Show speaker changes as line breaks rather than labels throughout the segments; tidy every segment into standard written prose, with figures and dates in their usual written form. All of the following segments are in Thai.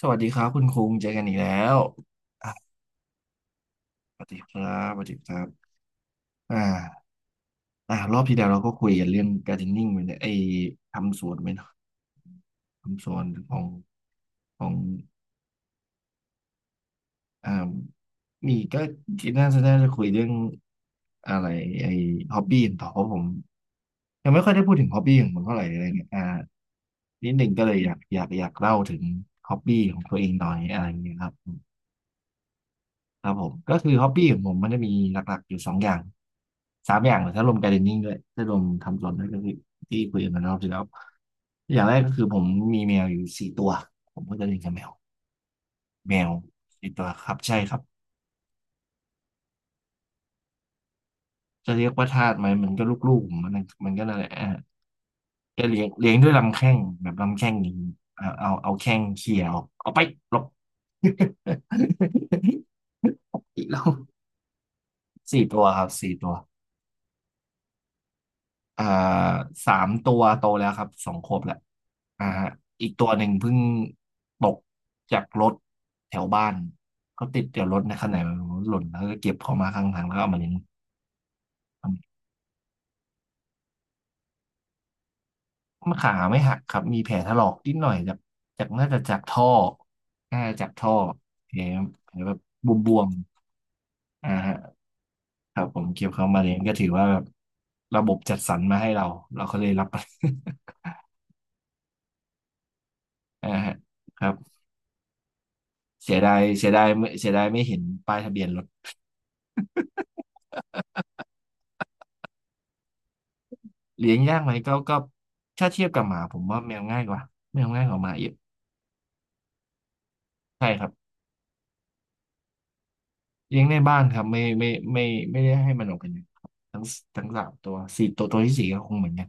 สวัสดีครับคุณคุงเจอกันอีกแล้วอ่ะสวัสดีครับสวัสดีครับอ่ารอบที่แล้วเราก็คุยกันเรื่องการทเดนนิ่งไปเนี่ยไอ้ทำสวนไปเนาะทำสวนของอ่ามีคิดน่าจะคุยเรื่องอะไรไอ้ฮ็อบบี้ต่อเพราะผมยังไม่ค่อยได้พูดถึงฮ็อบบี้ของผมเท่าไหร่อะไรเงี้ยนิดหนึ่งก็เลยอยากเล่าถึงฮ็อบบี้ของตัวเองหน่อยอะไรอย่างเงี้ยครับ ครับผมก็คือฮ็อบบี้ของผมมันจะมีหลักๆอยู่สองอย่างสามอย่างเลยถ้ารวมการ์เดนนิ่งด้วยถ้ารวมทำสวนด้วยก็คือที่คุยกันมารอบที่แล้วอย่างแรกก็คือผมมีแมวอยู่สี่ตัวผมก็จะเลี้ยงกับแมวแมวสี่ตัวครับใช่ครับจะเรียกว่าทาสไหมมันก็ลูกๆผมมันก็นั่นแหละก็เลี้ยงด้วยลำแข้งแบบลำแข้งนี้เอาแข้งเขี่ยออกเอาไปหลบ อีกแล้วสี่ตัวครับสี่ตัว อ่าสามตัวโตแล้วครับสองขวบแล้วอ่าฮะอีกตัวหนึ่งเพิ่งตกจากรถแถวบ้านเขาติดเดี๋ยวรถในขณะไหนไม่รู้หล่นแล้วก็เก็บเขามาข้างทางแล้วก็เอามาเลี้ยงมันขาไม่หักครับมีแผลถลอกนิดหน่อยจากจากน่าจะจากท่อน่าจะจากท่อแผลแผลแบบบวมๆอ่าฮะครับผมเก็บเขามาเลี้ยงก็ถือว่าแบบระบบจัดสรรมาให้เราเราก็เลยรับ อ่า ฮะครับ เสียดายเสียดายไม่เสียดายไม่เห็นป้ายทะเบียนรถเลี้ยงยากไหมก็ถ้าเทียบกับหมาผมว่าแมวง่ายกว่าแมวง่ายกว่าหมาเยอะใช่ครับเลี้ยงในบ้านครับไม่ไม่ได้ให้มันออกไปไหนครับทั้งทั้งสามตัวสี่ตัวตัวที่สี่ก็คงเหมือนกัน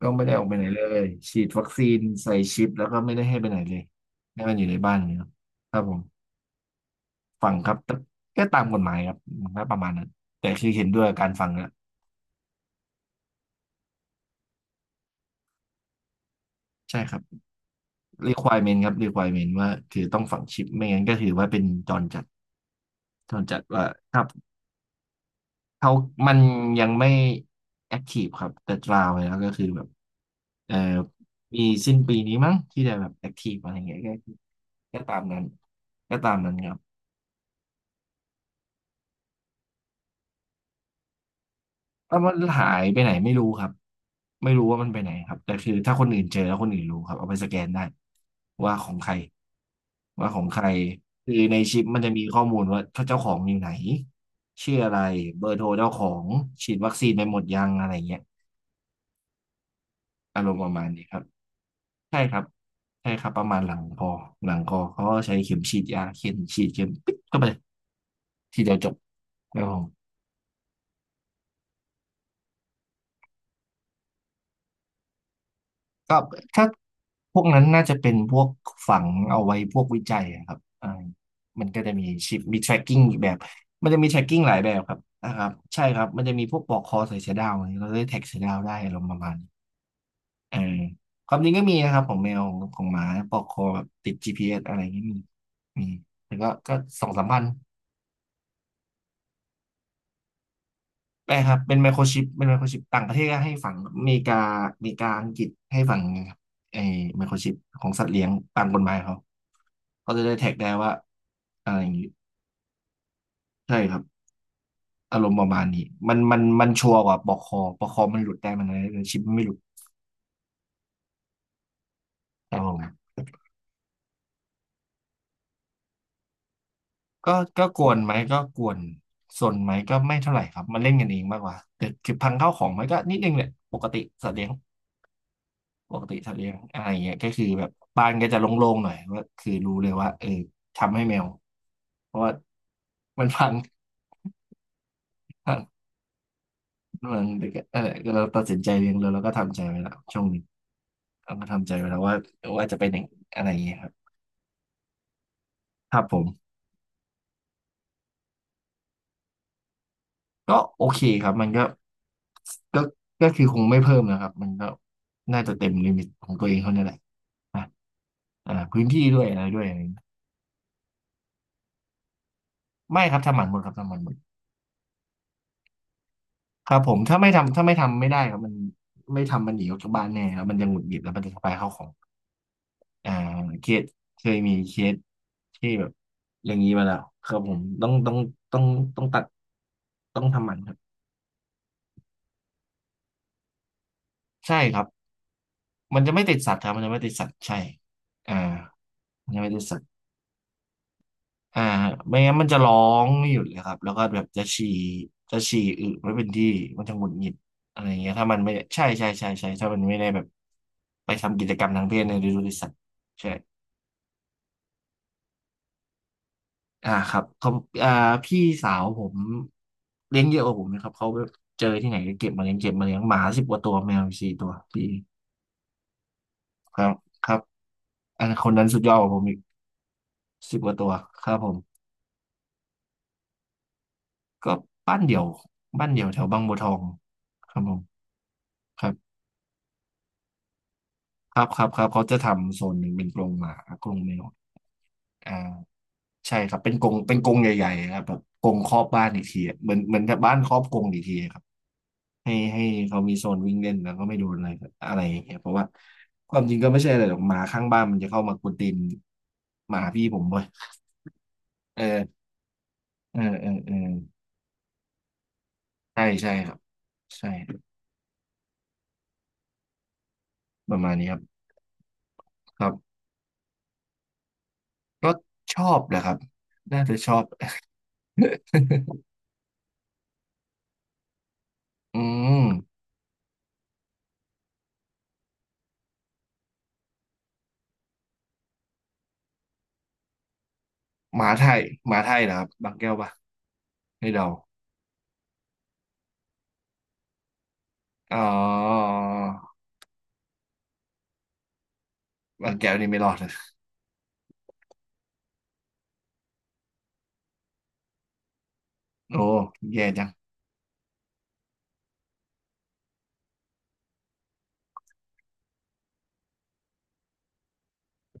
ก็ไม่ได้ออกไปไหนเลยฉีดวัคซีนใส่ชิปแล้วก็ไม่ได้ให้ไปไหนเลยให้มันอยู่ในบ้านเนี่ยครับครับผมฟังครับแต่ก็ตามกฎหมายครับมันก็ประมาณนั้นแต่คือเห็นด้วยกับการฟังแล้วใช่ครับ requirement ครับ requirement ว่าคือต้องฝังชิปไม่งั้นก็ถือว่าเป็นจรจัดจรจัดว่าครับเขามันยังไม่ active ครับแต่ราวแล้วก็คือแบบเอ่อมีสิ้นปีนี้มั้งที่จะแบบ active อะไรอย่างเงี้ยก็ก็ตามนั้นก็ตามนั้นครับ แล้วมันหายไปไหนไม่รู้ครับไม่รู้ว่ามันไปไหนครับแต่คือถ้าคนอื่นเจอแล้วคนอื่นรู้ครับเอาไปสแกนได้ว่าของใครว่าของใครคือในชิปมันจะมีข้อมูลว่าเจ้าของอยู่ไหนชื่ออะไรเบอร์โทรเจ้าของฉีดวัคซีนไปหมดยังอะไรเงี้ยอารมณ์ประมาณนี้ครับใช่ครับใช่ครับประมาณหลังคอหลังคอเขาก็ใช้เข็มฉีดยาเข็มฉีดเข็มปิ๊บเข้าไปลทีเดียวจบครับผม ก็ถ้าพวกนั้นน่าจะเป็นพวกฝังเอาไว้พวกวิจัยอะครับมันก็จะมีชิปมี tracking อีกแบบมันจะมี tracking หลายแบบครับนะครับใช่ครับมันจะมีพวกปลอกคอใส่เสือดาวอะไรเราได้แท็กเสือดาวได้อารมณ์ประมาณนี้เออความจริงก็มีนะครับของแมวของหมาปลอกคอแบบติด GPS อสอะไรอย่างนี้มีมีแต่ก็สองสามพันแปลครับเป็นไมโครชิปเป็นไมโครชิปต่างประเทศก็ให้ฝังอเมริกาอเมริกาอังกฤษให้ฝังไอ้ไมโครชิปของสัตว์เลี้ยงตามกฎหมายเขา กาจะได้แท็กได้ว่าอะไรอย่างนี้ใช่ครับอารมณ์ประมาณนี้มันชัวร์กว่าปอกคอปอกคอมันหลุดได้มันอะไรแต่ชิปมันไม่หลุดครับผมก็ก็กวนไหมก็กวนส่วนไหมก็ไม่เท่าไหร่ครับมันเล่นกันเองมากกว่าแต่คือพังข้าวของไหมก็นิดนึงแหละปกติสัตว์เลี้ยงปกติสัตว์เลี้ยงอะไรอย่างเงี้ยก็คือแบบบ้านก็จะโล่งๆหน่อยว่าคือรู้เลยว่าเออทำให้แมวเพราะว่ามันพัง มันกเออเราตัดสินใจเองเลยแล้วก็ทำใจไว้แล้วช่วงนี้ เอาก็ทำใจไว้แล้วว่าจะเป็นอย่างอะไรอย่างเงี้ยครับครับผมก็โอเคครับมันก็ก็ก็คือคงไม่เพิ่มนะครับมันก็น่าจะเต็มลิมิตของตัวเองเท่านั้นแหละนะพื้นที่ด้วยอะไรด้วยอะไรอย่างเงี้ยไม่ครับทำหมันหมดครับทำหมันหมดครับผมถ้าไม่ทำไม่ได้ครับมันไม่ทำมันหนีออกจากบ้านแน่ครับมันจะหงุดหงิดแล้วมันจะทำลายข้าวของอ่าเคสเคยมีเคสที่แบบอย่างนี้มาแล้วครับผมต้องต้องต้องทำหมันครับใช่ครับ มันจะไม่ติดสัตว์ครับมันจะไม่ติดสัตว์ใช่อ่ามันจะไม่ติดสัตว์อ่าไม่งั้นมันจะร้องไม่หยุดเลยครับแล้วก็แบบจะฉี่จะฉี่อึไม่เป็นที่มันจะหงุดหงิดอะไรอย่างเงี้ยถ้ามันไม่ใช่ใช่ใช่ใช่ถ้ามันไม่ได้แบบไปทำกิจกรรมทางเพศในฤดูที่สัตว์ใช่ครับเขาอ่าพี่สาวผมเลี้ยงเยอะกว่าผมนะครับเขาแบบเจอที่ไหนก็เก็บมาเลี้ยงเก็บมาเลี้ยงหมาสิบกว่าตัวแมวสี่ตัวพี่ครับครับอันคนนั้นสุดยอดกว่าผมอีกสิบกว่าตัวครับผม ก็บ้านเดี่ยวบ้านเดี่ยวแถวบางบัวทองครับผมครับครับครับครับเขาจะทำโซนหนึ่งเป็นกรงหมากรงแมวอ่าใช่ครับเป็นกรงเป็นกรงใหญ่ๆครับแบบกรงครอบบ้านอีกทีอะเหมือนเหมือนกับบ้านครอบกรงอีกทีอะครับให้ให้เขามีโซนวิ่งเล่นแล้วก็ไม่โดนอะไรอะไรอย่างเงี้ยเพราะว่าความจริงก็ไม่ใช่อะไรหรอกหมาข้างบ้านมันจะเข้ามากวนตีนหมาพี่ผมบ่อยเออเออเออเออใช่ใช่ครับใช่ประมาณนี้ครับครับ ก็ชอบนะครับน่าจะชอบ อืมหมาไทยหมาไทยนะครับ บางแก้วปะให่เดาอ๋อบางแก้วนี่ไม่รอดเลยโอ้แย่จัง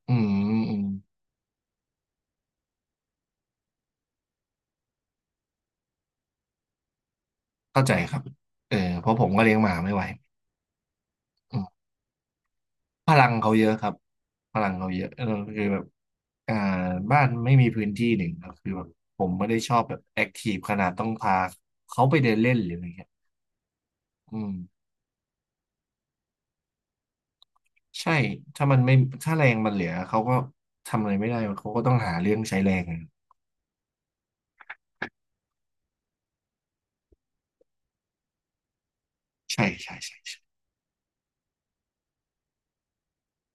อืมอืมเข้าใจครับเออเพราะผมก็เลี้ยงหมาไม่ไหวอืมพลังเขาเยอะครับ พลังเขาเยอะเออคือแบบอ่าบ้านไม่มีพื้นที่หนึ่งครับคือแบบผมไม่ได้ชอบแบบแอคทีฟขนาดต้องพาเขาไปเดินเล่นหรืออะไรเงี้ยอืม ใช่ถ้ามันไม่ถ้าแรงมันเหลือเขาก็ทำอะไรไม่ได้เขาก็ต้องหาเรื่องใช้แรงอะใช่ใช่ใช่ใช่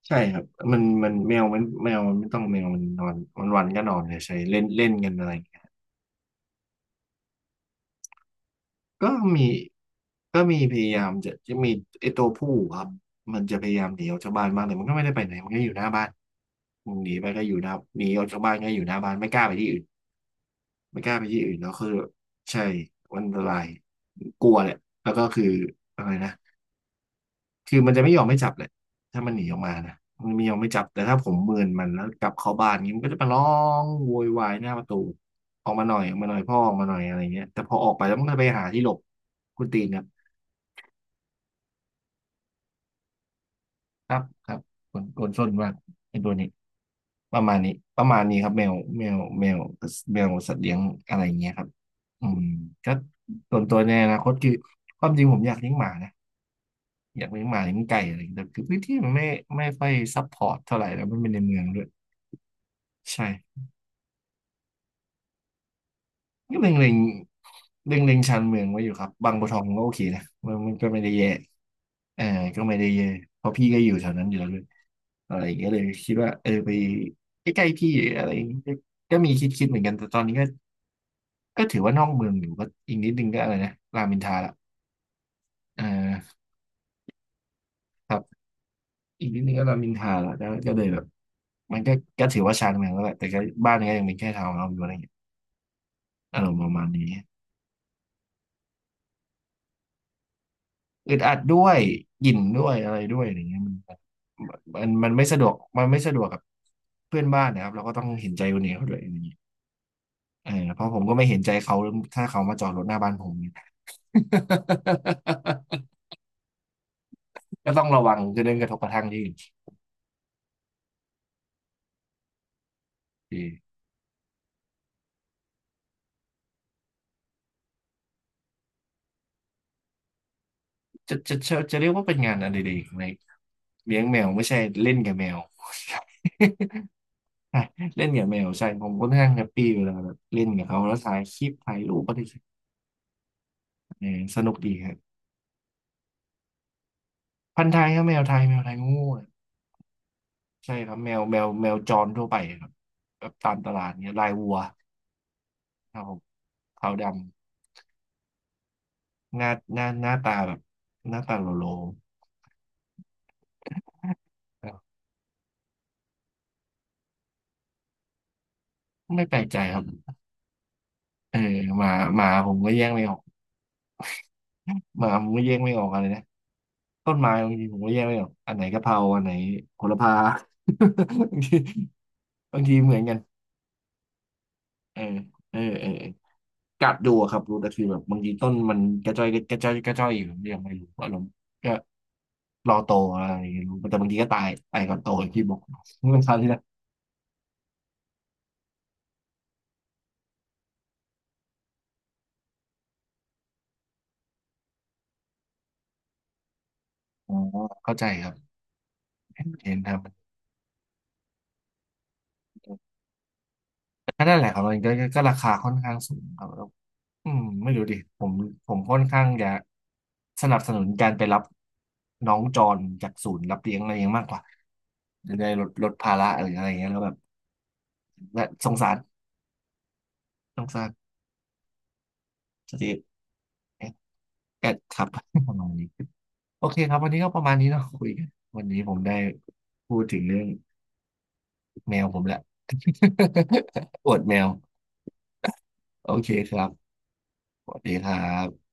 ใช่ครับมันแมวแมวมันไม่ต้องแมวมันนอนวันวันก็นอนเลยใช่เล่นเล่นกันอะไรอย่างเงี้ยก็มีก็มีพยายามจะมีไอ้ตัวผู้ครับ มันจะพยายามหนีออกจากบ้านมากแต่มันก็ไม่ได้ไปไหนมันก็อยู่หน้าบ้านมึงหนีไปก็อยู่หน้าหนีออกจากบ้านก็อยู่หน้าบ้านไม่กล้าไปที่อื่นไม่กล้าไปที่อื่นแล้วคือใช่มันอันตรายกลัวแหละแล้วก็คืออะไรนะ คือมันจะไม่ยอมไม่จับเลยถ้ามันหนีออกมานะมันไม่ยอมไม่จับแต่ถ้าผมเมินมันแล้วกลับเข้าบ้านนี้มันก็จะมาร้องโวยวายหน้าประตูออกมาหน่อยออกมาหน่อยพ่อออกมาหน่อยอะไรเงี้ยแต่พอออกไปแล้วมันก็ไปหาที่หลบคุณตีนครับครับครับกนคนส้นมากไอ้ตัวนี้ประมาณนี้ประมาณนี้ครับแมวแมวแมวสัตว์เลี้ยงอะไรเงี้ยครับอืมก็ส่วนตัวในอนาคตคือความจริงผมอยากเลี้ยงหมานะอยากเลี้ยงหมาเลี้ยงไก่อะไรอย่างเงี้ยแต่คือพื้นที่มันไม่ไม่ค่อยซัพพอร์ตเท่าไหร่แล้วมันเป็นในเมืองด้วยใช่ ก็เล็งเล็งเล็งเล็งชานเมืองไว้อยู่ครับบางบัวทองก็โอเคนะมันมันก็ไม่ได้แย่เออก็ไม่ได้แย่เพราะพี่ก็อยู่แถวนั้นอยู่แล้วด้วยอะไรอย่างเงี้ยเลยคิดว่าเออไปใกล้ๆพี่อะไรอย่างเงี้ยก็มีคิดเหมือนกันแต่ตอนนี้ก็ก็ถือว่านอกเมืองอยู่ก็อีกนิดนึงก็อะไรนะรามอินทราละเออครับอีกนิดนึงก็รามอินทราละก็ก็เลยแบบมันก็ก็ถือว่าชานเมืองแล้วแหละแต่ก็บ้านก็ยังเป็นแค่ทาวน์เฮาส์อยู่อะไรอย่างเงี้ยอารมณ์ประมาณนี้ อึดอัดด้วยกลิ่นด้วยอะไรด้วยอย่างเงี้ยมันมันไม่สะดวกมันไม่สะดวกกับเพื่อนบ้านนะครับเราก็ต้องเห็นใจคนอื่นี้เขาด้วยอย่างเงี้ยเออเพราะผมก็ไม่เห็นใจเขาถ้าเขามาจอดรถหน้าบ้านผมเนี่ย ก็ต้องระวังจะเรื่องกระทบกระทั่งที่อื่นดีจะเรียกว่าเป็นงานอะไรดีในเลี้ยงแมวไม่ใช่เล่นกับแมว ใช่เล่นกับแมวใช่ผมก็ค่อนข้างแฮปปี้เวลาแบบเล่นกับเขาแล้วถ่ายคลิปถ่ายรูปก็ได้เออสนุกดีครับ พันธุ์ไทยครับแมวไทยแมวไทยงูอะใช่ครับแมวแมวจรทั่วไปครับแบบตามตลาดเนี้ยลายวัวครับผมขาวดำหน้าตาแบบหน้าตาโลโลครับไม่แปลกใจครับเออหมาหมาผมก็แยกไม่ออกหมาผมก็แยกไม่ออกอะไรนะต้นไม้บางทีผมก็แยกไม่ออกอันไหนกะเพราอันไหนโหระพา บางทีบางทีเหมือนกันเออเออกัดดูอะครับรู้แต่คือแบบบางทีต้นมันกระจ้อยอยู่ผมยังไม่รู้อารมณ์ รอโตอะไรอย่างเงี้ยรู้แต่บางทีก็ตายตายก่อนโตอย่างที่บอก มันคราวที่แล้วอ๋อเข้าใจครับเห็นครับก็นั่นแหละครับมันก็ราคาค่อนข้างสูงครับแล้วอืมไม่รู้ดิผมผมค่อนข้างจะสนับสนุนการไปรับน้องจรจากศูนย์รับเลี้ยงอะไรอย่างเงี้ยมากกว่าจะได้ลดลดภาระหรืออะไรอย่างเงี้ยแล้วแบบและสงสารสงสารสติแอดแอดครับ ประมาณนี้โอเคครับวันนี้ก็ประมาณนี้เนาะคุยกันวันนี้ผมได้พูดถึงเรื่อง แมวผมแหละ อวดแมวโอเคครับสวัสดีครับ